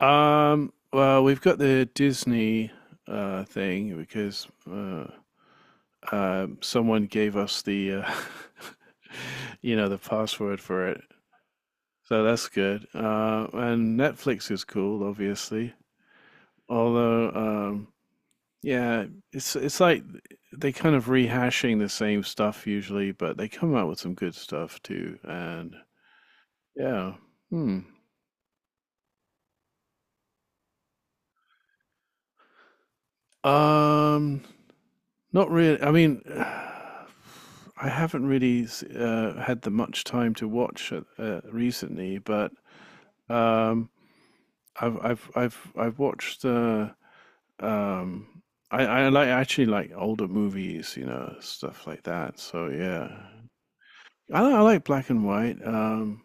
Well, we've got the Disney thing because someone gave us the, the password for it. So that's good. And Netflix is cool, obviously. Although, yeah, it's like they kind of rehashing the same stuff usually, but they come out with some good stuff too. And yeah, hmm. Um, Not really. I mean, I haven't really had the much time to watch recently, but um, I've watched. Um, I like actually like older movies, you know, stuff like that. So yeah, I like black and white,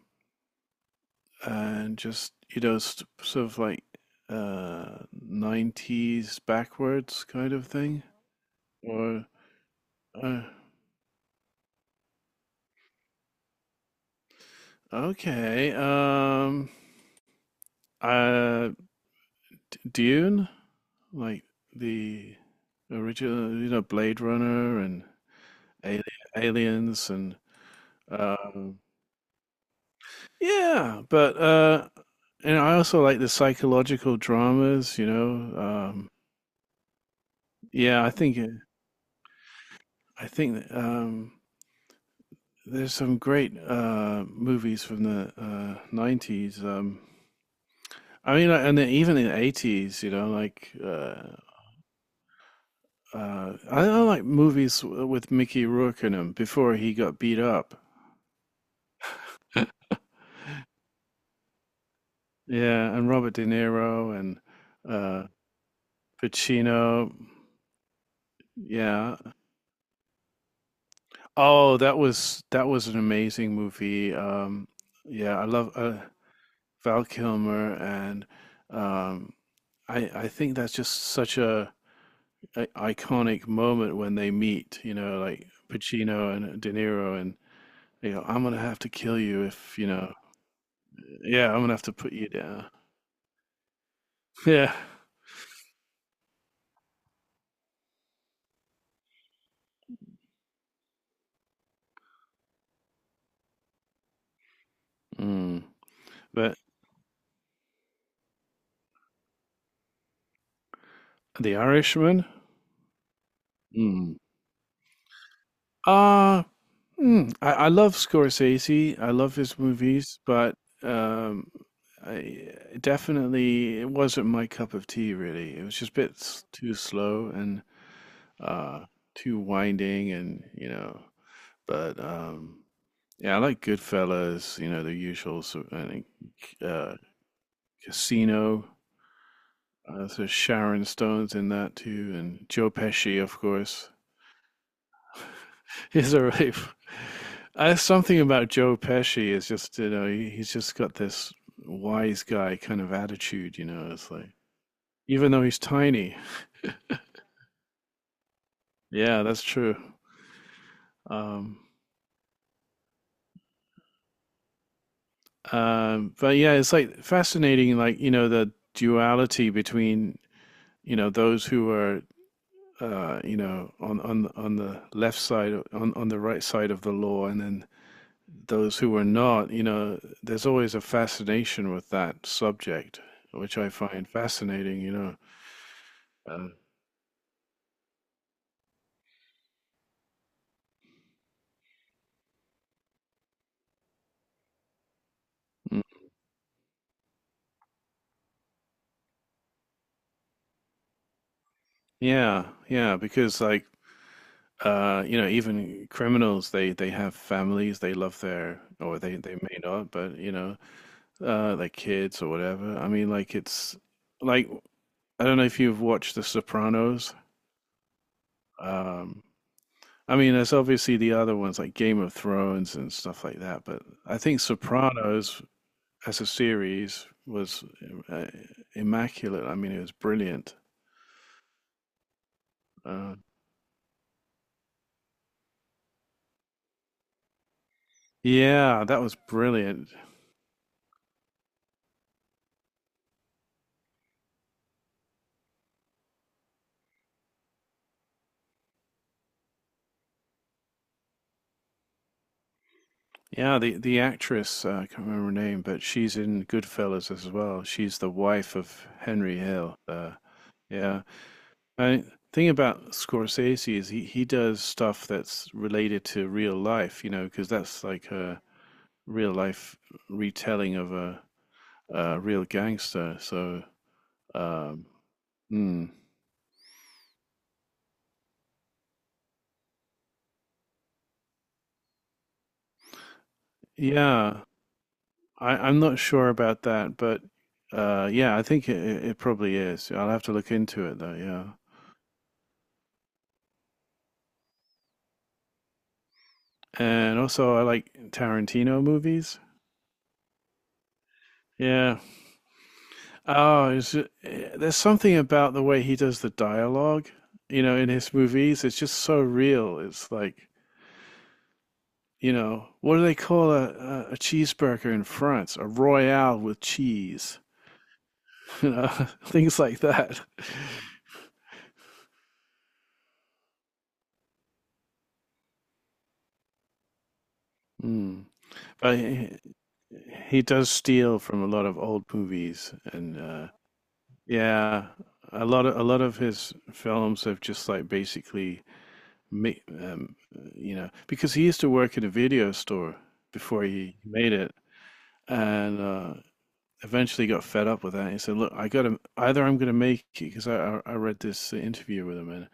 and just you know, sort of like uh 90s backwards kind of thing. Or uh, okay, Uh, Dune, like the original, you know, Blade Runner and Ali- Aliens, and um, yeah, but and I also like the psychological dramas, you know. Um, yeah, I think there's some great movies from the 90s. I mean, like, and then even in the 80s, you know, I like movies with Mickey Rourke in them before he got beat up. Yeah, and Robert De Niro and uh, Pacino. Yeah. Oh, that was an amazing movie. Yeah, I love Val Kilmer, and um, I think that's just such a iconic moment when they meet. You know, like Pacino and De Niro, and you know, I'm gonna have to kill you if you know. Yeah, I'm gonna have to put you down. Yeah. Mm. But The Irishman. Mm. uh, I love Scorsese. I love his movies, but um, I definitely it wasn't my cup of tea. Really, it was just a bit too slow and uh, too winding, and you know. But yeah, I like Goodfellas. You know, the usual. So I think uh, Casino. So Sharon Stone's in that too, and Joe Pesci, of course. He's a rave. Something about Joe Pesci is just you know he's just got this wise guy kind of attitude. You know, it's like even though he's tiny. Yeah, that's true. Um, but yeah, it's like fascinating. Like you know the duality between you know those who are you know on the left side on the right side of the law, and then those who are not, you know, there's always a fascination with that subject, which I find fascinating, you know. Uh, mm, yeah, yeah, because like you know, even criminals, they have families, they love their, or they may not, but you know, like kids or whatever. I mean, like it's like I don't know if you've watched The Sopranos. Um, I mean, there's obviously the other ones like Game of Thrones and stuff like that, but I think Sopranos as a series was uh, immaculate. I mean, it was brilliant. Uh, yeah, that was brilliant. Yeah, the actress I can't remember her name, but she's in Goodfellas as well. She's the wife of Henry Hill. Yeah, I the thing about Scorsese is he does stuff that's related to real life, you know, because that's like a real life retelling of a real gangster. So um, mm, yeah, I'm not sure about that, but yeah, I think it probably is. I'll have to look into it though. Yeah, and also I like Tarantino movies. Yeah. Oh, is there's something about the way he does the dialogue. You know, in his movies, it's just so real. It's like, you know, what do they call a cheeseburger in France? A royale with cheese. You know, things like that. Mm. But he does steal from a lot of old movies and yeah a lot of his films have just like basically mi- um you know because he used to work at a video store before he made it and eventually got fed up with that. He said, look, I gotta either, I'm gonna make it because I read this interview with him and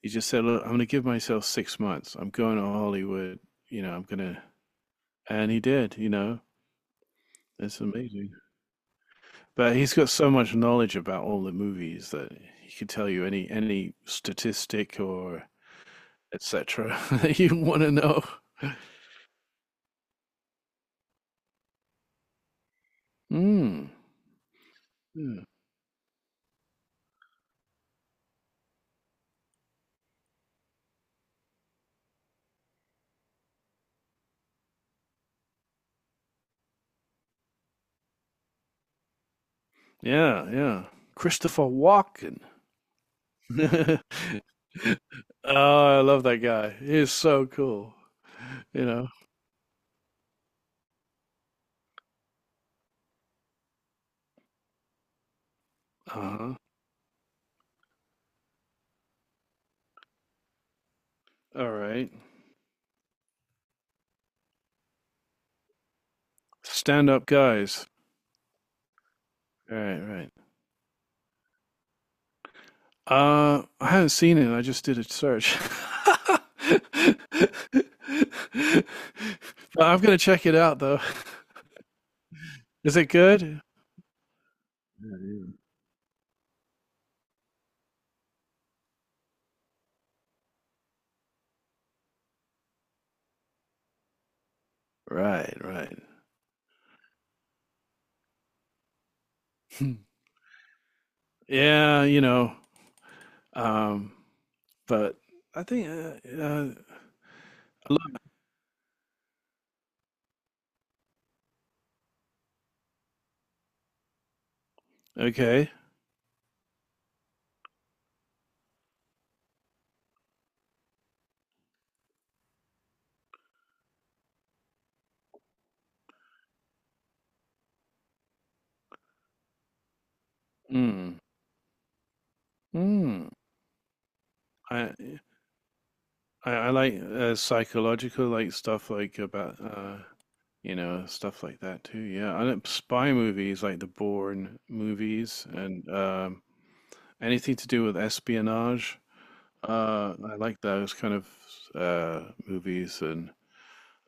he just said, look, I'm gonna give myself 6 months. I'm going to Hollywood, you know. I'm gonna, and he did, you know. It's amazing. But he's got so much knowledge about all the movies that he could tell you any statistic or etc. that you want to know. Mm. Yeah, yeah. Christopher Walken. Oh, I love that guy. He's so cool. You know. Uh-huh. All right. Stand up guys. All right, right. I haven't seen it. I just did a search. But I'm gonna check it out though. Is it good? Yeah, yeah. Right, right. yeah, you know. Um, but I think I love, okay. Mm, mm. I, I like psychological like stuff like about you know stuff like that too. Yeah, I like spy movies like the Bourne movies and anything to do with espionage. I like those kind of movies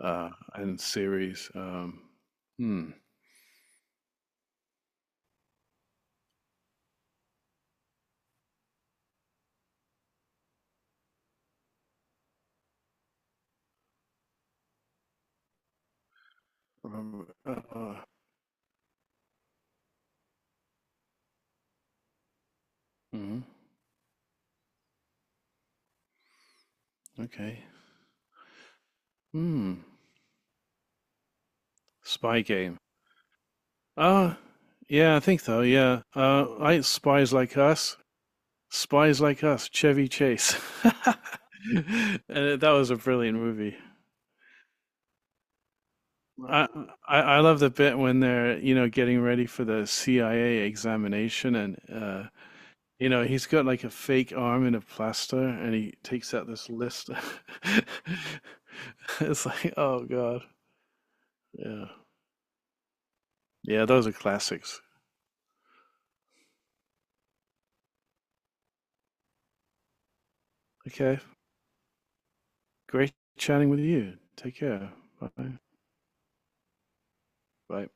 and series. Hmm. Um, Uh, hmm. Okay. Hmm. Spy game. Ah, uh, yeah, I think so. Yeah. I like spies like us. Spies like us. Chevy Chase. and that was a brilliant movie. I, I love the bit when they're you know getting ready for the CIA examination and you know, he's got like a fake arm in a plaster and he takes out this list. It's like, oh God. Yeah. Yeah, those are classics. Okay. Great chatting with you. Take care. Bye. Bye.